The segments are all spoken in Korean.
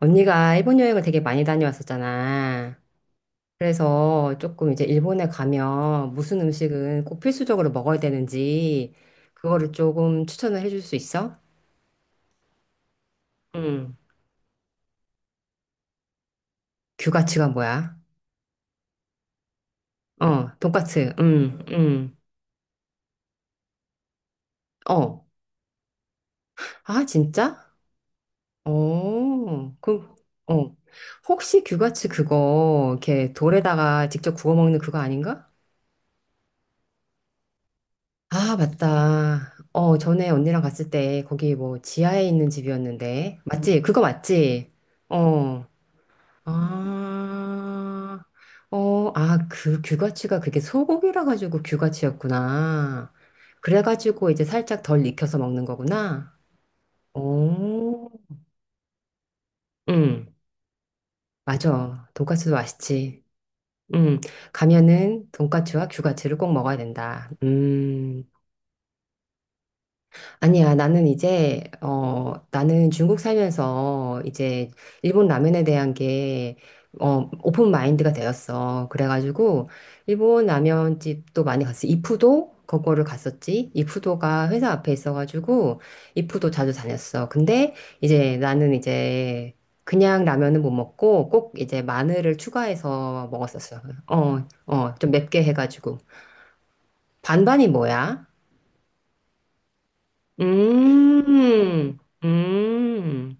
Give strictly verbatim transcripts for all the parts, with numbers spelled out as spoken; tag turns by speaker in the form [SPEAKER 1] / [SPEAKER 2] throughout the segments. [SPEAKER 1] 언니가 일본 여행을 되게 많이 다녀왔었잖아. 그래서 조금 이제 일본에 가면 무슨 음식은 꼭 필수적으로 먹어야 되는지 그거를 조금 추천을 해줄 수 있어? 응. 규가츠가 뭐야? 어, 돈까츠. 응, 응. 어. 아, 진짜? 어. 그럼 어. 혹시 규가츠 그거 이렇게 돌에다가 직접 구워 먹는 그거 아닌가? 아, 맞다. 어, 전에 언니랑 갔을 때 거기 뭐 지하에 있는 집이었는데. 맞지? 그거 맞지? 어. 아. 어, 아, 그 규가치가 그게 소고기라 가지고 규가치였구나. 그래 가지고 이제 살짝 덜 익혀서 먹는 거구나. 오. 응. 맞아. 돈까스도 맛있지. 음, 가면은 돈까츠와 규가치를 꼭 먹어야 된다. 음. 아니야, 나는 이제, 어, 나는 중국 살면서 이제 일본 라면에 대한 게, 어, 오픈 마인드가 되었어. 그래가지고, 일본 라면집도 많이 갔어. 이푸도? 그거를 갔었지. 이푸도가 회사 앞에 있어가지고, 이푸도 자주 다녔어. 근데 이제 나는 이제, 그냥 라면은 못 먹고, 꼭 이제 마늘을 추가해서 먹었었어. 어, 어, 좀 맵게 해가지고. 반반이 뭐야? 음, 음.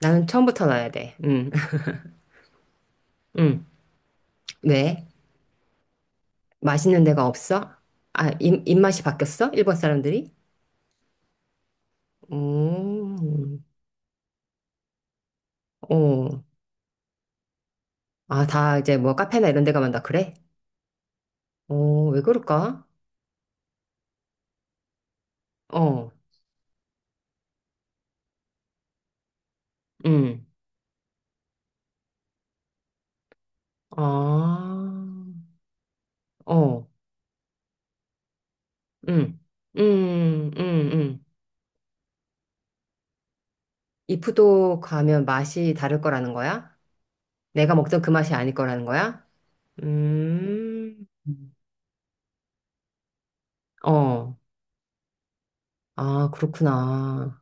[SPEAKER 1] 나는 처음부터 넣어야 돼. 음, 음. 왜? 맛있는 데가 없어? 아, 입, 입맛이 바뀌었어? 일본 사람들이? 오, 어. 아, 다 이제 뭐 카페나 이런 데 가면 다 그래? 어, 왜 그럴까? 어, 음. 아, 어, 음. 음, 음, 음. 이프도 가면 맛이 다를 거라는 거야? 내가 먹던 그 맛이 아닐 거라는 거야? 음. 음. 어, 아, 그렇구나.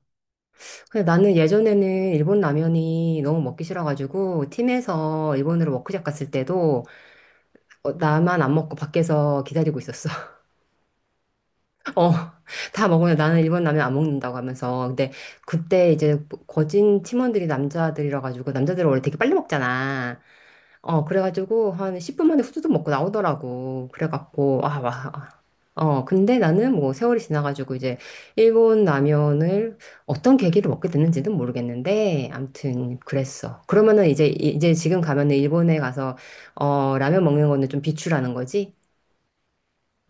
[SPEAKER 1] 근데 나는 예전에는 일본 라면이 너무 먹기 싫어가지고, 팀에서 일본으로 워크숍 갔을 때도, 어, 나만 안 먹고 밖에서 기다리고 있었어. 어, 다 먹으면 나는 일본 라면 안 먹는다고 하면서. 근데 그때 이제 뭐 거진 팀원들이 남자들이라 가지고, 남자들은 원래 되게 빨리 먹잖아. 어, 그래가지고 한 십 분 만에 후두둑 먹고 나오더라고. 그래갖고, 아, 와. 아. 어, 근데 나는 뭐 세월이 지나가지고 이제 일본 라면을 어떤 계기로 먹게 됐는지는 모르겠는데, 암튼 그랬어. 그러면은 이제, 이제 지금 가면은 일본에 가서, 어, 라면 먹는 거는 좀 비추라는 거지?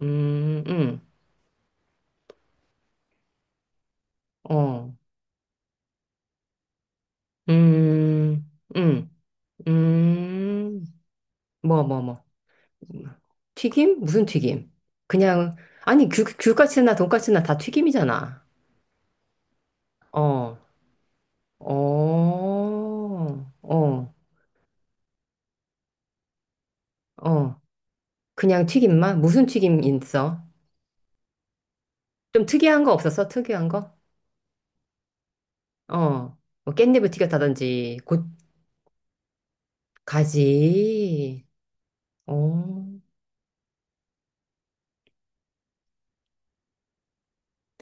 [SPEAKER 1] 음, 음, 어, 음, 음, 음, 뭐, 뭐, 뭐. 튀김? 무슨 튀김? 그냥, 아니, 귤, 귤까치나 돈까치나 다 튀김이잖아. 어, 어, 어, 어. 그냥 튀김만? 무슨 튀김 있어? 좀 특이한 거 없었어? 특이한 거? 어, 뭐 깻잎을 튀겼다든지, 곧, 가지. 어.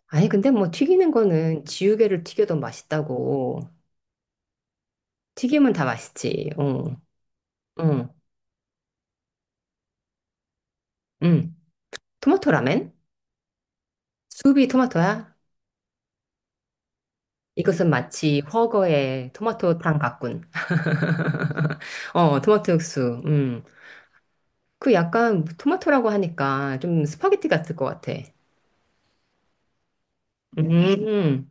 [SPEAKER 1] 아니, 근데 뭐 튀기는 거는 지우개를 튀겨도 맛있다고. 튀김은 다 맛있지. 어, 응, 응. 토마토 라멘? 수비 토마토야? 이것은 마치 훠거의 토마토탕 같군. 어, 토마토 육수. 음. 그 약간 토마토라고 하니까 좀 스파게티 같을 것 같아. 음,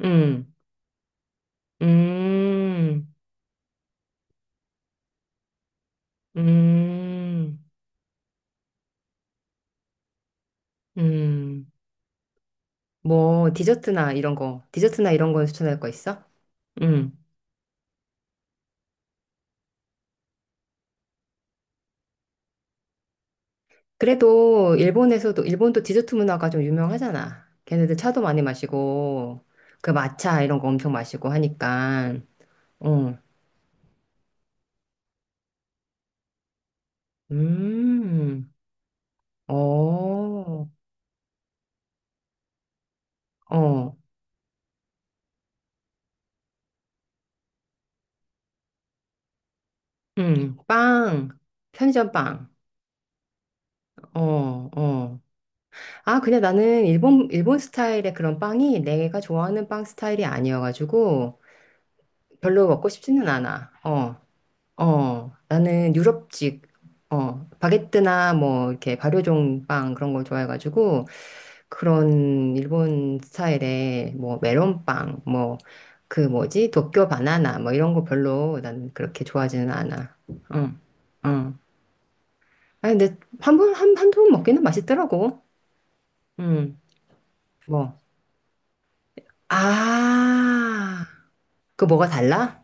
[SPEAKER 1] 음, 음, 음, 음. 뭐 디저트나 이런 거, 디저트나 이런 거 추천할 거 있어? 음. 그래도 일본에서도 일본도 디저트 문화가 좀 유명하잖아. 걔네들 차도 많이 마시고 그 마차 이런 거 엄청 마시고 하니까. 어. 음. 어. 어. 음. 빵. 편의점 빵. 어, 어. 아, 근데 나는 일본, 일본 스타일의 그런 빵이 내가 좋아하는 빵 스타일이 아니어가지고 별로 먹고 싶지는 않아. 어, 어. 나는 유럽식, 어, 바게트나 뭐 이렇게 발효종 빵 그런 걸 좋아해가지고 그런 일본 스타일의 뭐 메론빵, 뭐 그 뭐지? 도쿄 바나나 뭐 이런 거 별로 난 그렇게 좋아하지는 않아. 응, 응. 아니, 근데 한 번, 한, 한두 번 먹기는 맛있더라고. 응. 뭐. 아, 그 뭐가 달라?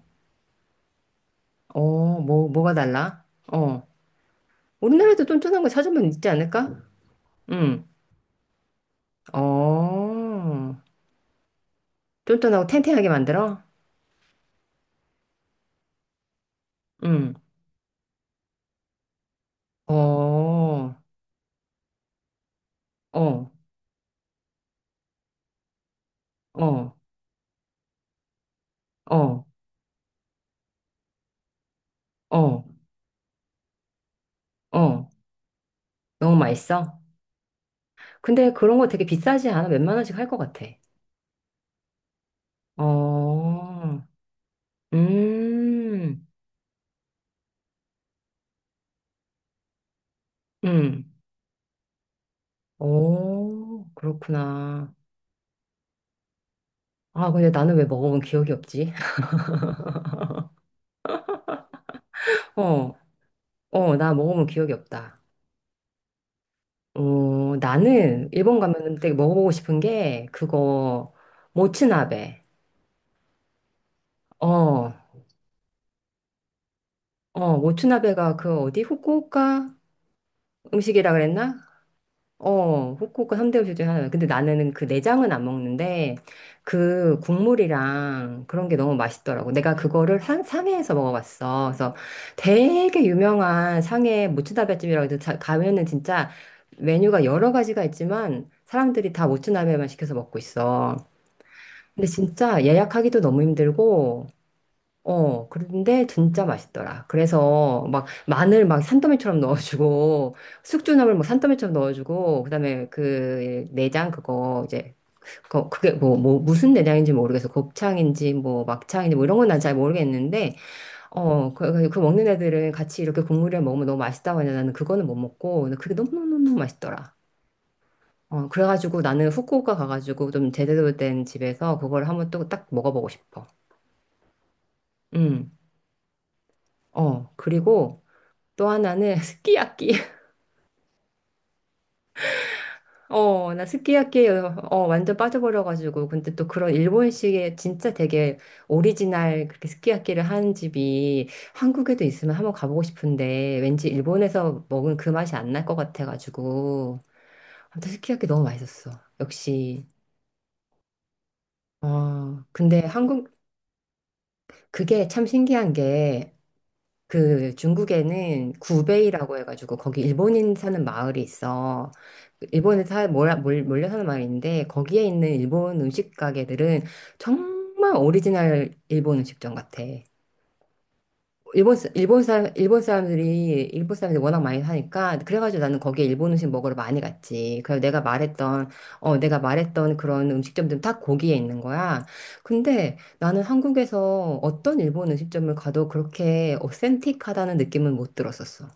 [SPEAKER 1] 어, 뭐, 뭐가 달라? 어. 우리나라도 쫀쫀한 거 찾으면 있지 않을까? 응. 어, 쫀쫀하고 탱탱하게 만들어? 응. 어, 어, 어, 어, 어, 어. 너무 맛있어? 근데 그런 거 되게 비싸지 않아? 몇만 원씩 할 것 같아. 어, 음, 음. 오, 그렇구나. 아, 근데 나는 왜 먹어본 기억이 없지? 어. 어, 나 먹어본 기억이 없다. 어, 나는 일본 가면 되게 먹어보고 싶은 게 그거 모츠나베. 어, 어, 모츠나베가 그 어디 후쿠오카 음식이라 그랬나? 어, 후쿠오카 삼대 요리 중에 하나야. 근데 나는 그 내장은 안 먹는데 그 국물이랑 그런 게 너무 맛있더라고. 내가 그거를 한, 상해에서 먹어봤어. 그래서 되게 유명한 상해 모츠나베집이라고 해서 자- 가면은 진짜 메뉴가 여러 가지가 있지만 사람들이 다 모츠나베만 시켜서 먹고 있어. 근데 진짜 예약하기도 너무 힘들고 어, 그런데 진짜 맛있더라. 그래서 막 마늘 막 산더미처럼 넣어주고, 숙주나물 막 산더미처럼 넣어주고, 그다음에 그 내장 그거 이제, 그거 그게 뭐, 뭐 무슨 내장인지 모르겠어. 곱창인지 뭐 막창인지 뭐 이런 건 난 잘 모르겠는데, 어, 그, 그- 그 먹는 애들은 같이 이렇게 국물이랑 먹으면 너무 맛있다고 하는데 나는 그거는 못 먹고, 근데 그게 너무너무 맛있더라. 어, 그래가지고 나는 후쿠오카 가가지고 좀 제대로 된 집에서 그걸 한번 또 딱 먹어보고 싶어. 음, 어, 그리고, 또 하나는 스키야키. 어, 나 스키야키에 어, 완전 빠져버려가지고. 근데 또 그런 일본식의 진짜 되게 오리지널 그렇게 스키야키를 하는 집이 한국에도 있으면 한번 가보고 싶은데 왠지 일본에서 먹은 그 맛이 안 날 것 같아가지고. 아무튼 스키야키 너무 맛있었어. 역시. 어, 근데 한국, 그게 참 신기한 게 그 중국에는 구베이라고 해가지고 거기 일본인 사는 마을이 있어. 그 일본에 사 몰아 몰- 몰려 사는 마을인데 거기에 있는 일본 음식 가게들은 정말 오리지널 일본 음식점 같아. 일본, 사- 일본 사람, 일본 사람들이, 일본 사람들이 워낙 많이 사니까, 그래가지고 나는 거기에 일본 음식 먹으러 많이 갔지. 그래서 내가 말했던, 어, 내가 말했던 그런 음식점들은 다 거기에 있는 거야. 근데 나는 한국에서 어떤 일본 음식점을 가도 그렇게 어센틱하다는 느낌은 못 들었었어.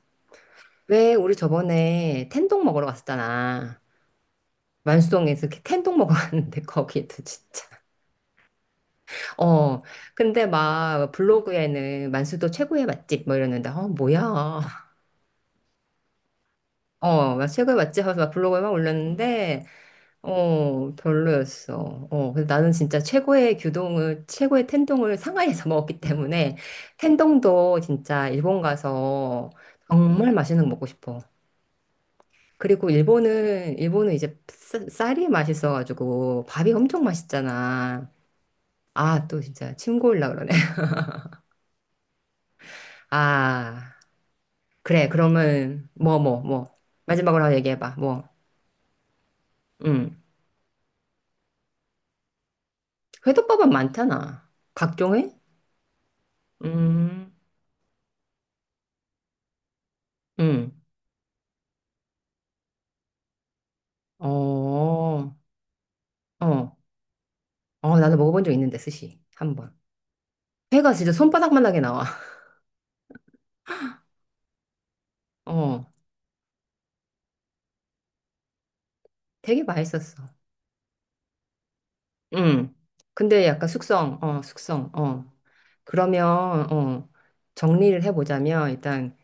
[SPEAKER 1] 왜 우리 저번에 텐동 먹으러 갔었잖아. 만수동에서 이렇게 텐동 먹으러 갔는데 거기도 진짜. 어, 근데 막 블로그에는 만수도 최고의 맛집 뭐 이러는데, 어, 뭐야. 어, 막 최고의 맛집 하면서 막 블로그에 막 올렸는데, 어, 별로였어. 어, 근데 나는 진짜 최고의 규동을, 최고의 텐동을 상하이에서 먹었기 때문에, 텐동도 진짜 일본 가서 정말 맛있는 거 먹고 싶어. 그리고 일본은, 일본은 이제 쌀- 쌀이 맛있어가지고, 밥이 엄청 맛있잖아. 아, 또 진짜 침 고일라 그러네. 아, 그래. 그러면, 뭐, 뭐, 뭐. 마지막으로 하나 얘기해봐. 뭐, 음. 회덮밥은 많잖아. 각종 회? 음, 음, 어, 어, 어, 나도 먹어본 적 있는데, 스시. 한 번. 회가 진짜 손바닥만하게 나와. 어, 되게 맛있었어. 음, 근데 약간 숙성, 어, 숙성, 어. 그러면, 어, 정리를 해보자면, 일단,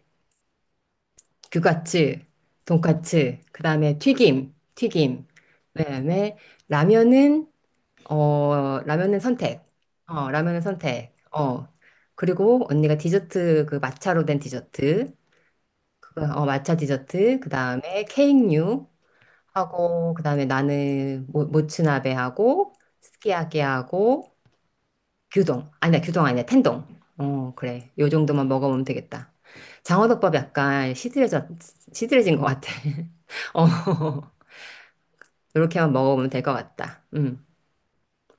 [SPEAKER 1] 규가츠, 돈까츠, 그 다음에 튀김, 튀김. 그 다음에, 라면은, 어, 라면은 선택. 어, 라면은 선택. 어. 그리고 언니가 디저트, 그 마차로 된 디저트. 그, 어, matcha 디저트, 그 다음에 케이크류 하고, 그 다음에 나는 모, 모츠나베 하고, 스키야키 하고, 규동. 아니야, 규동 아니야, 텐동. 어, 그래. 요 정도만 먹어보면 되겠다. 장어덮밥 약간 시들해져, 시들해진 것 같아. 어, 이렇게만 먹어보면 될 것 같다. 음,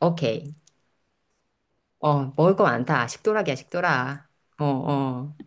[SPEAKER 1] 오케이. 어, 먹을 거 많다. 식도락이야, 식도락. 어, 어.